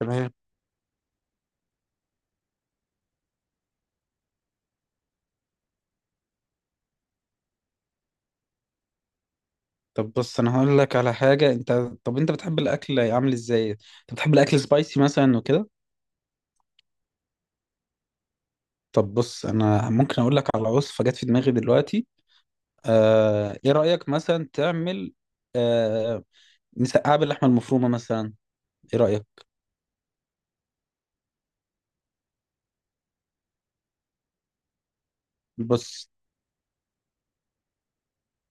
تمام. طب بص انا هقول لك على حاجه انت طب انت بتحب الاكل عامل ازاي؟ انت بتحب الاكل سبايسي مثلا وكده؟ طب بص، انا ممكن اقول لك على وصفه جت في دماغي دلوقتي. ايه رايك مثلا تعمل آه... مسقعه باللحمه المفرومه مثلا؟ ايه رايك؟ بص.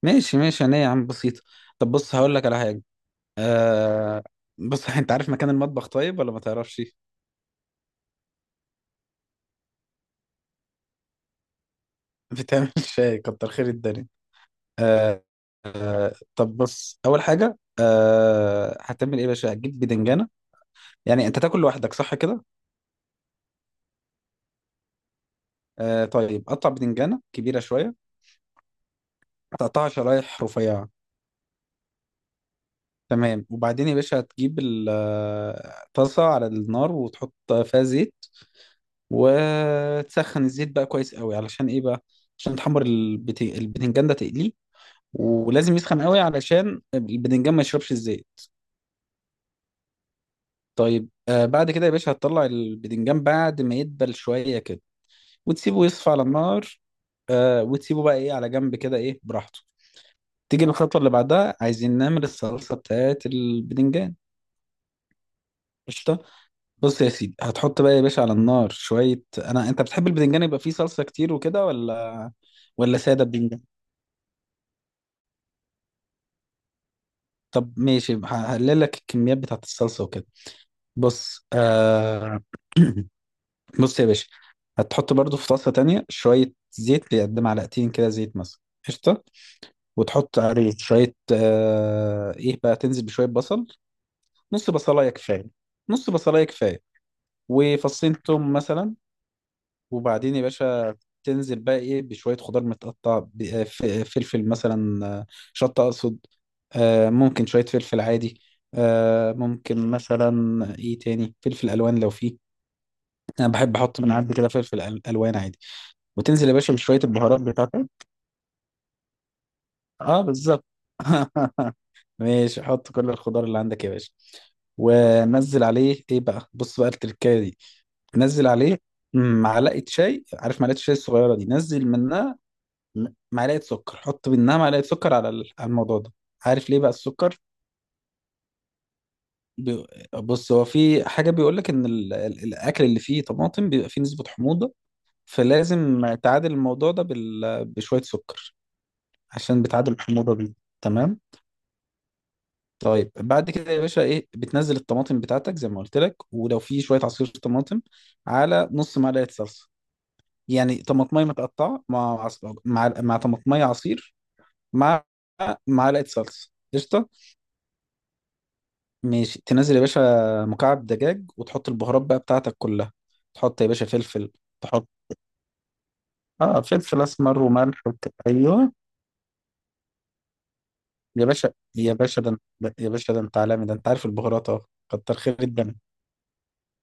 ماشي ماشي، انا يا عم بسيطه. طب بص، هقول لك على حاجه. آه... بص انت عارف مكان المطبخ طيب ولا ما تعرفش؟ بتعمل شاي، كتر خير الدنيا. آه طب بص، اول حاجه هتعمل ايه يا باشا؟ هتجيب بدنجانه. يعني انت تاكل لوحدك صح كده؟ طيب، قطع بدنجانه كبيره شويه، تقطعها شرايح رفيعه. تمام، وبعدين يا باشا هتجيب الطاسه على النار وتحط فيها زيت، وتسخن الزيت بقى كويس قوي. علشان ايه بقى؟ عشان تحمر البتنجان ده تقليه. ولازم يسخن قوي علشان البتنجان ما يشربش الزيت. طيب بعد كده يا باشا هتطلع البتنجان بعد ما يدبل شويه كده، وتسيبه يصفى على النار. وتسيبه بقى ايه على جنب كده، ايه، براحته. تيجي الخطوة اللي بعدها، عايزين نعمل الصلصة بتاعت البدنجان. قشطة. بص يا سيدي، هتحط بقى يا باشا على النار شوية. انت بتحب البدنجان يبقى فيه صلصة كتير وكده، ولا سادة بدنجان؟ طب ماشي، هقلل لك الكميات بتاعت الصلصة وكده. بص، بص يا باشا، هتحط برضو في طاسة تانية شوية زيت، قد معلقتين كده، زيت مثلا. قشطة. وتحط عليه شوية آه إيه بقى تنزل بشوية بصل. نص بصلاية كفاية، نص بصلاية كفاية. وفصين توم مثلا. وبعدين يا باشا تنزل بقى بشوية خضار متقطع، فلفل مثلا، شطة أقصد. ممكن شوية فلفل عادي. ممكن مثلا إيه تاني، فلفل ألوان لو فيه. أنا بحب أحط من عندي كده فلفل ألوان عادي. وتنزل يا باشا بشوية البهارات بتاعتك. أه بالظبط. ماشي، حط كل الخضار اللي عندك يا باشا. ونزل عليه ايه بقى؟ بص بقى التركايه دي. نزل عليه معلقه شاي، عارف معلقه الشاي الصغيره دي؟ نزل منها معلقه سكر. حط منها معلقه سكر على على الموضوع ده. عارف ليه بقى السكر؟ بي- بص، هو في حاجه بيقول لك ان الاكل اللي فيه طماطم بيبقى فيه نسبه حموضه، فلازم تعادل الموضوع ده بشويه سكر، عشان بتعادل الحموضه دي. تمام. طيب بعد كده يا باشا ايه، بتنزل الطماطم بتاعتك زي ما قلت لك، ولو في شويه عصير طماطم على نص معلقه صلصه. يعني طماطميه متقطعه مع مع طماطميه عصير مع معلقه صلصه. قشطه. ماشي، تنزل يا باشا مكعب دجاج، وتحط البهارات بقى بتاعتك كلها. تحط يا باشا فلفل، تحط، اه فلفل اسمر وملح ايوه. يا باشا يا باشا، يا باشا ده انت عالمي، ده انت عارف البهارات، اه كتر خير الدنيا.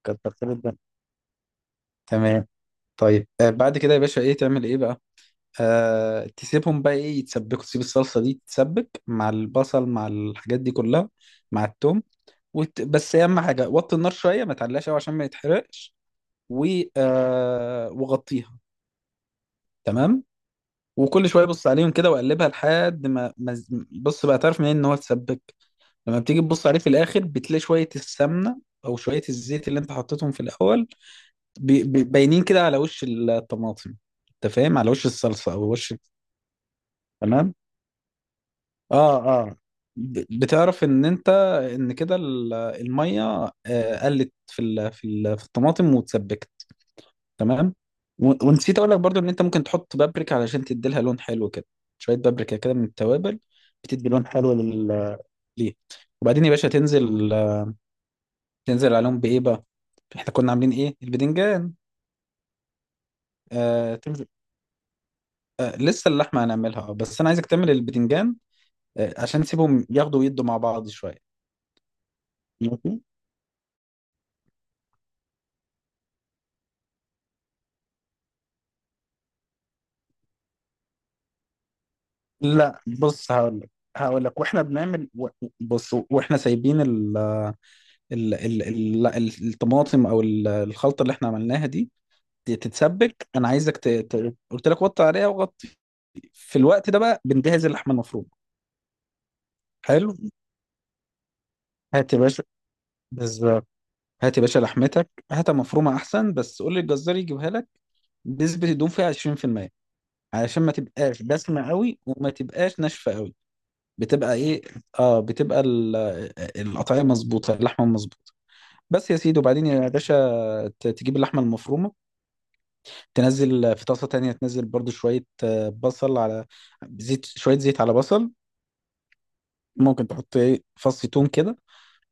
كتر خير الدنيا. تمام. طيب، بعد كده يا باشا ايه تعمل ايه بقى؟ تسيبهم بقى ايه يتسبكوا. تسيب الصلصه دي تتسبك مع البصل مع الحاجات دي كلها، مع التوم. بس اهم حاجه، وطي النار شويه، ما تعلاش قوي عشان ما يتحرقش. و... وغطيها. تمام. وكل شويه بص عليهم كده وقلبها لحد ما ما ز- بص بقى، تعرف منين ان هو اتسبك؟ لما بتيجي تبص عليه في الاخر بتلاقي شويه السمنه او شويه الزيت اللي انت حطيتهم في الاول باينين كده على وش الطماطم. انت فاهم، على وش الصلصه او وش. تمام. اه اه، بتعرف ان انت، ان كده الميه، قلت في الطماطم واتسبكت. تمام. ونسيت اقول لك برضو ان انت ممكن تحط بابريكا علشان تدي لها لون حلو كده، شويه بابريكا كده من التوابل، بتدي لون حلو ليه. وبعدين يا باشا تنزل، تنزل عليهم بايه بقى؟ احنا كنا عاملين ايه؟ البدنجان. آه تنزل لسه اللحمه هنعملها، بس انا عايزك تعمل البدنجان، عشان تسيبهم ياخدوا ويدوا مع بعض. شويه. لا بص هقول لك، هقول لك واحنا بنعمل بص واحنا سايبين ال ال ال ال ال- الطماطم، او الخلطه اللي احنا عملناها دي تتسبك. انا عايزك قلت لك وطي عليها وغطي. في الوقت ده بقى بنجهز اللحمه المفرومه. حلو. هات يا باشا، بالظبط. هات يا باشا لحمتك، هاتها مفرومه احسن، بس قول للجزار يجيبها لك. نسبه الدهون فيها 20%، علشان ما تبقاش دسمه قوي وما تبقاش ناشفه قوي. بتبقى ايه؟ اه بتبقى القطعيه مظبوطه، اللحمه مظبوطه. بس يا سيدي. وبعدين يا باشا تجيب اللحمه المفرومه، تنزل في طاسه تانية، تنزل برضو شويه بصل على زيت، شويه زيت على بصل. ممكن تحط ايه فص ثوم كده،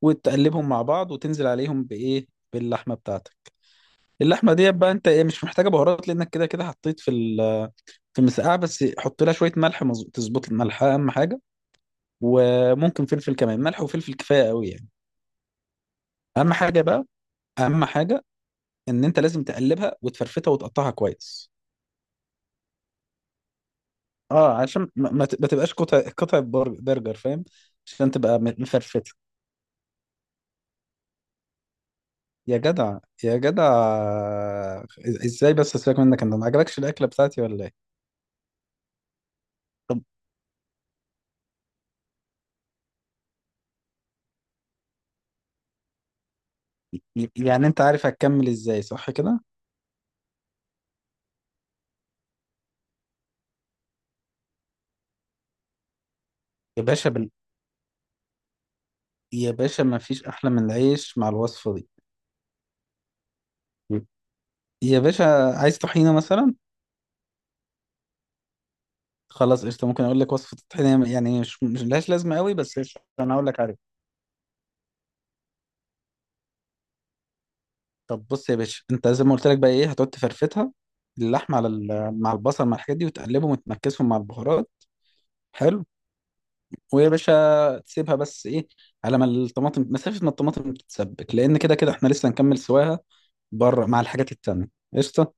وتقلبهم مع بعض، وتنزل عليهم بايه؟ باللحمه بتاعتك. اللحمه دي بقى انت ايه، مش محتاجه بهارات لانك كده كده حطيت في المسقعه، بس حط لها شويه ملح، تظبط الملح اهم حاجه. وممكن فلفل كمان، ملح وفلفل كفايه قوي يعني. اهم حاجه بقى، اهم حاجه، ان انت لازم تقلبها وتفرفتها وتقطعها كويس. اه عشان ما تبقاش قطع قطع برجر، فاهم؟ عشان تبقى مفرفته. يا جدع، يا جدع، ازاي بس سيبك منك، انت ما عجبكش الاكله بتاعتي ولا ايه؟ طب يعني انت عارف هتكمل ازاي صح كده؟ يا باشا بال... يا باشا ما فيش احلى من العيش مع الوصفه دي. يا باشا، عايز طحينه مثلا؟ خلاص قشطه، ممكن اقول لك وصفه الطحينه، يعني مش لهاش لازمه قوي، بس قشطه انا هقول لك عليها. طب بص يا باشا، انت زي ما قلت لك بقى ايه، هتقعد تفرفتها، اللحمه على مع البصل مع الحاجات دي، وتقلبهم وتمكسهم مع البهارات. حلو. ويا باشا، تسيبها بس ايه، على ما الطماطم، مسافه ما الطماطم تتسبك، لان كده كده احنا لسه هنكمل سواها بره مع الحاجات التانية. قشطه.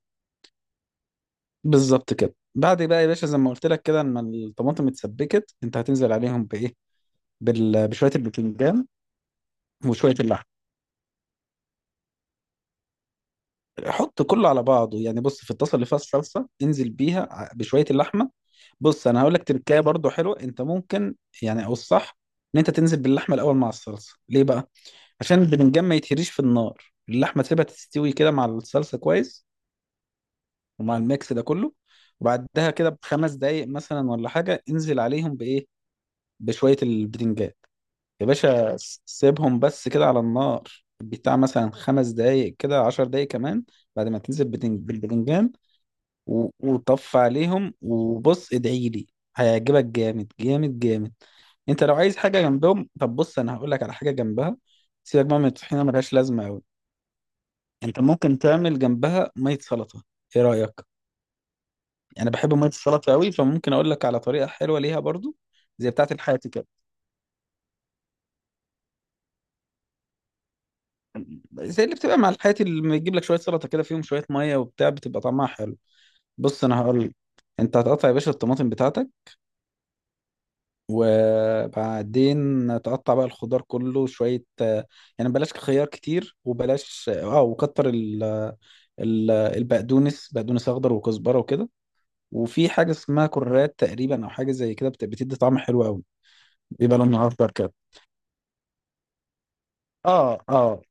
بالظبط كده. بعد بقى يا باشا زي ما قلت لك كده، لما الطماطم اتسبكت، انت هتنزل عليهم بايه؟ بشويه الباذنجان وشويه اللحمه. حط كله على بعضه يعني. بص في الطاسه اللي فيها الصلصه، انزل بيها بشويه اللحمه. بص انا هقول لك تركايه برضو حلوه انت ممكن، يعني او الصح، ان انت تنزل باللحمه الاول مع الصلصه. ليه بقى؟ عشان البتنجان ما يتهريش في النار، اللحمه تسيبها تستوي كده مع الصلصه كويس، ومع الميكس ده كله. وبعدها كده بخمس دقايق مثلا ولا حاجه انزل عليهم بايه؟ بشويه البتنجان. يا باشا سيبهم بس كده على النار، بتاع مثلا خمس دقايق كده، عشر دقايق كمان، بعد ما تنزل بالبتنجان. وطف عليهم وبص ادعي لي، هيعجبك جامد جامد جامد. انت لو عايز حاجه جنبهم، طب بص انا هقول لك على حاجه جنبها. سيبك بقى من الطحينه، ملهاش لازمه قوي. انت ممكن تعمل جنبها ميه سلطه. ايه رايك؟ انا بحب ميه السلطه قوي، فممكن اقول لك على طريقه حلوه ليها برضو. زي بتاعه الحياتي كده، زي اللي بتبقى مع الحياتي اللي بيجيب لك شويه سلطه كده فيهم شويه ميه وبتاع، بتبقى طعمها حلو. بص انا هقول لك، انت هتقطع يا باشا الطماطم بتاعتك، وبعدين تقطع بقى الخضار كله شويه، يعني بلاش خيار كتير، وبلاش البقدونس، بقدونس اخضر وكزبره وكده. وفي حاجه اسمها كرات تقريبا، او حاجه زي كده بتدي طعم حلو قوي، بيبقى لونها اخضر كده. اه اه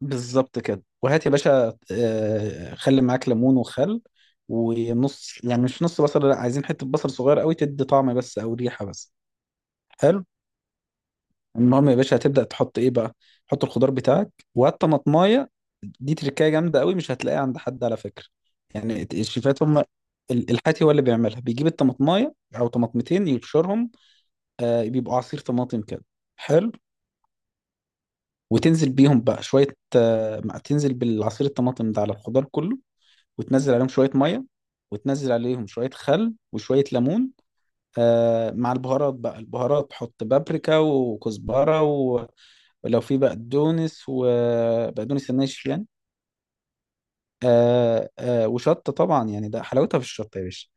بالظبط كده. وهات يا باشا، خلي معاك ليمون وخل، ونص، يعني مش نص بصل، لا، عايزين حته بصل صغير قوي تدي طعم بس او ريحه بس. حلو. المهم يا باشا هتبدأ تحط ايه بقى؟ تحط الخضار بتاعك، وهات طماطمايه. دي تركايه جامدة قوي، مش هتلاقيها عند حد على فكرة. يعني الشيفات هم الحاتي هو اللي بيعملها، بيجيب الطماطمايه او طماطمتين يبشرهم. بيبقوا عصير طماطم كده. حلو. وتنزل بيهم بقى شوية، تنزل بالعصير الطماطم ده على الخضار كله. وتنزل عليهم شوية مية، وتنزل عليهم شوية خل وشوية ليمون. مع البهارات بقى، البهارات تحط بابريكا وكزبرة، ولو في بقدونس، وبقدونس الناشف يعني. آه آه وشطة طبعا، يعني ده حلاوتها في الشطة يا باشا،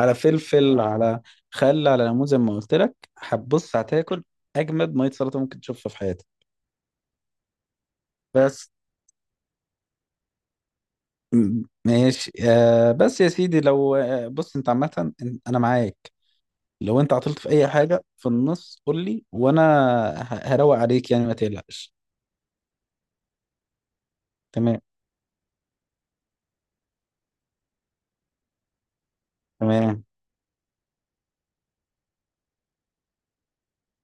على فلفل، على خل، على ليمون، زي ما قلت لك. هتبص هتاكل أجمد مية سلطة ممكن تشوفها في حياتك. بس ماشي، بس يا سيدي لو، بص أنت عامة أنا معاك. لو أنت عطلت في أي حاجة في النص قول لي، وأنا هروق عليك يعني، ما تقلقش. تمام، تمام،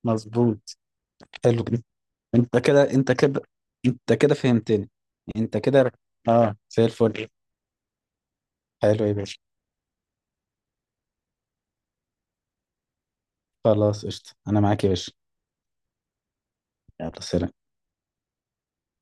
مظبوط. حلو. انت كده، انت كده، انت كده فهمتني. انت كده، اه زي الفل. حلو يا باشا، خلاص قشطة، انا معاك يا باشا. يلا سلام.